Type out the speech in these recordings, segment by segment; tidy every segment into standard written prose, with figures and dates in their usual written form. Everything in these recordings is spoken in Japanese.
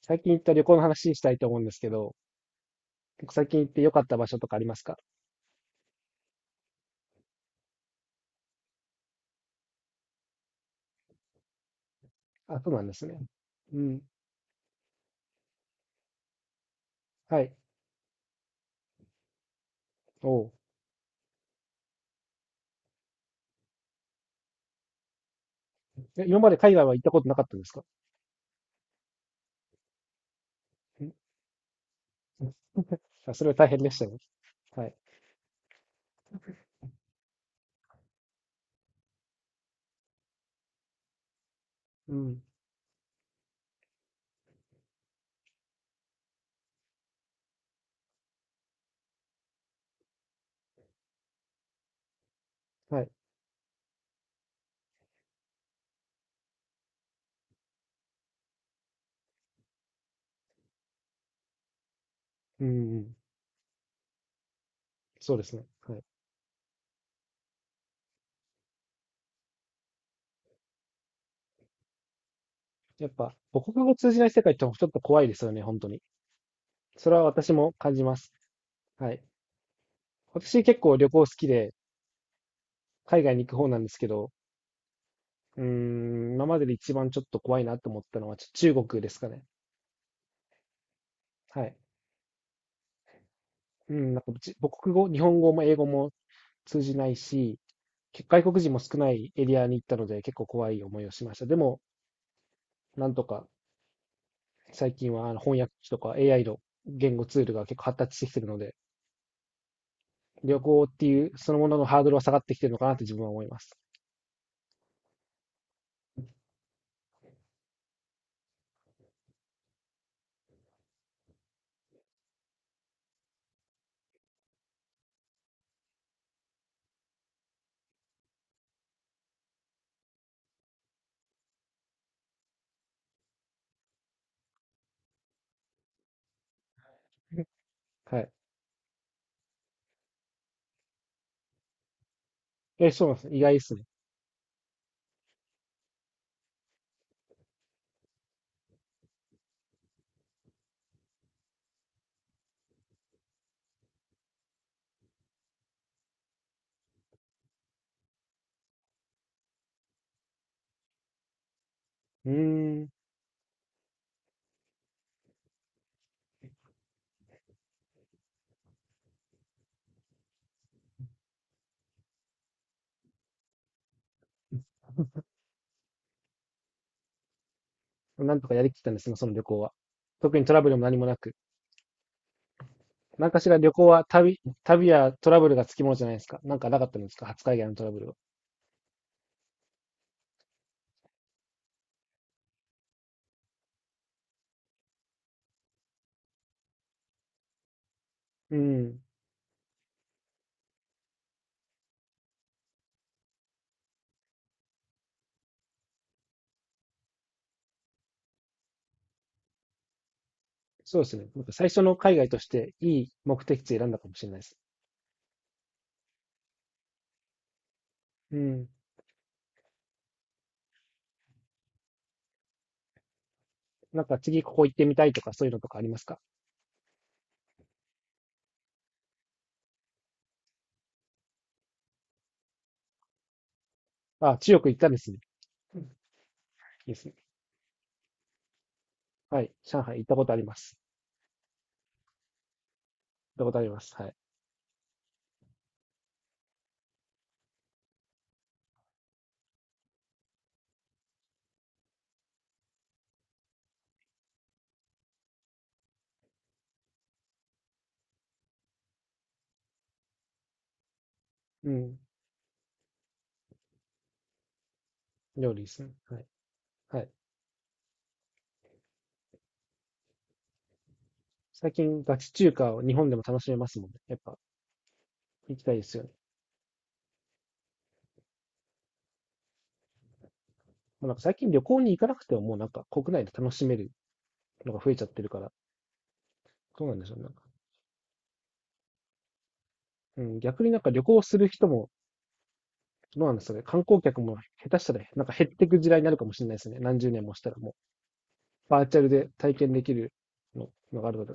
最近行った旅行の話したいと思うんですけど、最近行って良かった場所とかありますか？あ、そうなんですね。うん。はい。おう。え、今まで海外は行ったことなかったんですか？ん、うん。あ、それは大変でしたね。はい。うん。はい。うん、うん。そうですね。はい。やっぱ、母国語通じない世界ってちょっと怖いですよね、本当に。それは私も感じます。はい。私結構旅行好きで、海外に行く方なんですけど、今までで一番ちょっと怖いなと思ったのは中国ですかね。はい。うん、なんかじ母国語、日本語も英語も通じないし、外国人も少ないエリアに行ったので結構怖い思いをしました。でも、なんとか最近は翻訳機とか AI の言語ツールが結構発達してきてるので、旅行っていうそのもののハードルは下がってきてるのかなって自分は思います。はい。え、そうなんですね。意外ですね。うーん。なんとかやりきったんですね、その旅行は。特にトラブルも何もなく。なんかしら旅行は旅やトラブルがつきものじゃないですか。なんかなかったんですか、初海外のトラブルは？うん。そうですね。なんか最初の海外としていい目的地選んだかもしれないです。うん。なんか次ここ行ってみたいとかそういうのとかありますか？あ、中国行ったんですね。うん、いいですね。はい。上海行ったことあります。行ったことあります。はい。うん。料理ですね。はい。はい。最近ガチ中華を日本でも楽しめますもんね。やっぱ行きたいですよね。まあ、なんか最近旅行に行かなくてももうなんか国内で楽しめるのが増えちゃってるから、そうなんですよ、ね。なんか、うん、逆になんか旅行する人もどうなんですかね。観光客も下手したら、なんか減っていく時代になるかもしれないですね。何十年もしたらもう、バーチャルで体験できるののがあるので。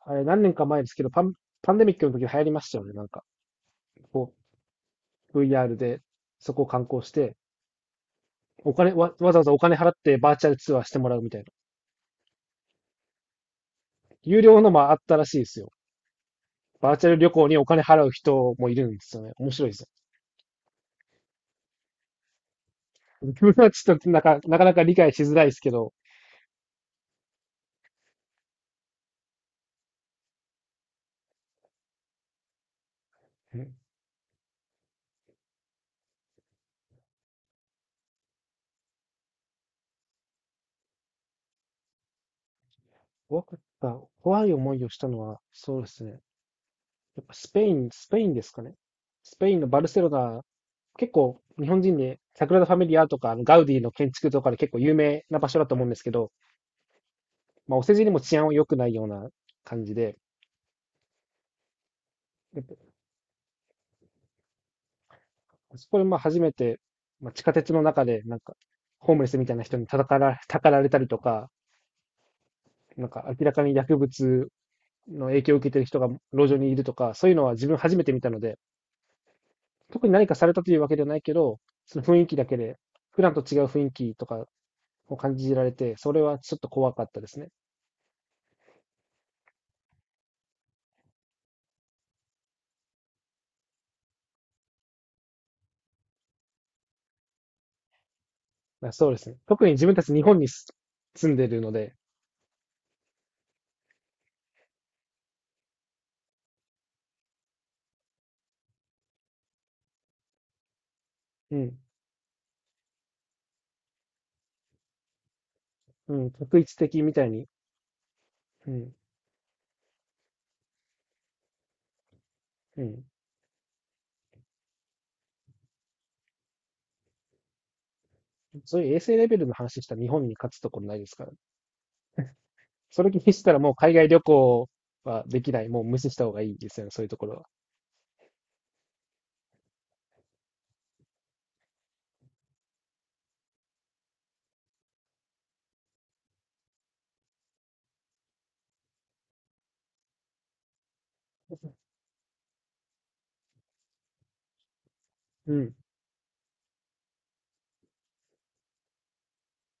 あれ、何年か前ですけど、パンデミックの時流行りましたよね。なんか、こう、VR で、そこを観光して、お金、わ、わざわざお金払ってバーチャルツアーしてもらうみたいな。有料のもあったらしいですよ。バーチャル旅行にお金払う人もいるんですよね。面白いですよ。自分はちょっとなかなか理解しづらいですけど、怖かった。怖い思いをしたのは、そうですね。やっぱスペイン、スペインですかね。スペインのバルセロナ、結構日本人で、サグラダ・ファミリアとか、あのガウディの建築とかで結構有名な場所だと思うんですけど、まあ、お世辞にも治安は良くないような感じで、やっぱそこでまあ初めて、まあ、地下鉄の中で、なんか、ホームレスみたいな人に叩から、たかられたりとか、なんか明らかに薬物の影響を受けている人が路上にいるとか、そういうのは自分初めて見たので、特に何かされたというわけではないけど、その雰囲気だけで、普段と違う雰囲気とかを感じられて、それはちょっと怖かったですね。そうですね。特に自分たち日本に住んでるので、うん、うん、特一的みたいに、うん、うん。そういう衛生レベルの話したら日本に勝つところないですから。それ気にしたらもう海外旅行はできない。もう無視した方がいいですよね、そういうところは。うん。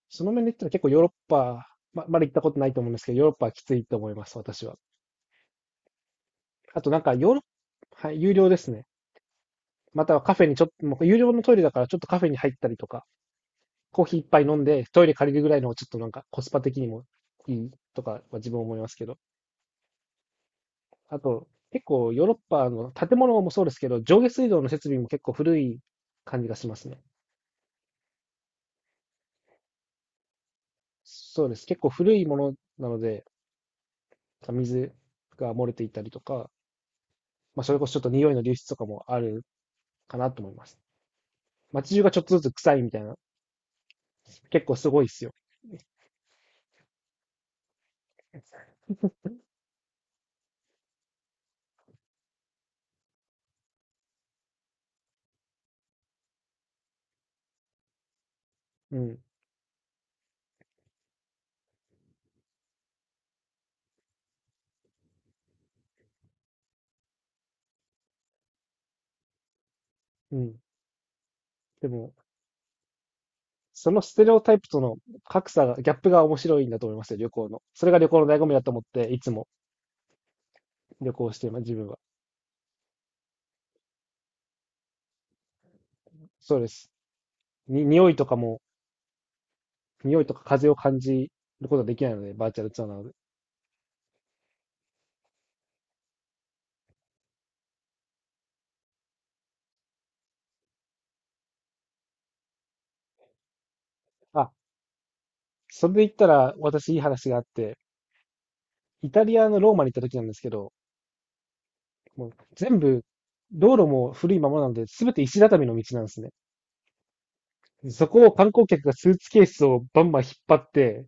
その面で言ったら結構ヨーロッパ、まだ行ったことないと思うんですけど、ヨーロッパはきついと思います、私は。あとなんかヨーロッパ、はい、有料ですね。またはカフェにちょっと、もう有料のトイレだからちょっとカフェに入ったりとか、コーヒー一杯飲んでトイレ借りるぐらいのちょっとなんかコスパ的にもいいとかは自分は思いますけど。あと、結構ヨーロッパの建物もそうですけど、上下水道の設備も結構古い感じがしますね。そうです。結構古いものなので、水が漏れていたりとか、まあ、それこそちょっと匂いの流出とかもあるかなと思います。街中がちょっとずつ臭いみたいな、結構すごいっすよ。うん、うん。でも、そのステレオタイプとの格差が、ギャップが面白いんだと思いますよ、旅行の。それが旅行の醍醐味だと思って、いつも旅行しています、自分は。そうです。に、匂いとかも、匂いとか風を感じることはできないので、バーチャルツアーなので。あ、それで言ったら、私いい話があって、イタリアのローマに行った時なんですけど、もう全部、道路も古いままなので、すべて石畳の道なんですね。そこを観光客がスーツケースをバンバン引っ張って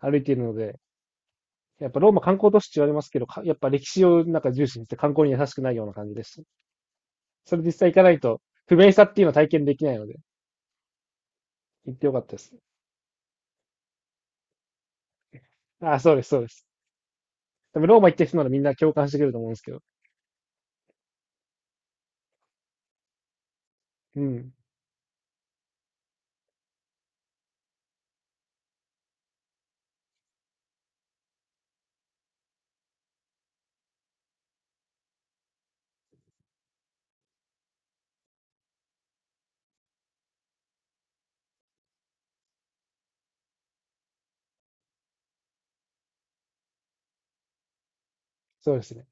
歩いているので、やっぱローマ観光都市って言われますけど、やっぱ歴史をなんか重視にして観光に優しくないような感じです。それ実際行かないと、不便さっていうのは体験できないので、行ってよかったです。あ、そうです、そうです。多分ローマ行ってる人ならみんな共感してくれると思うんですけど。うん、そうですね。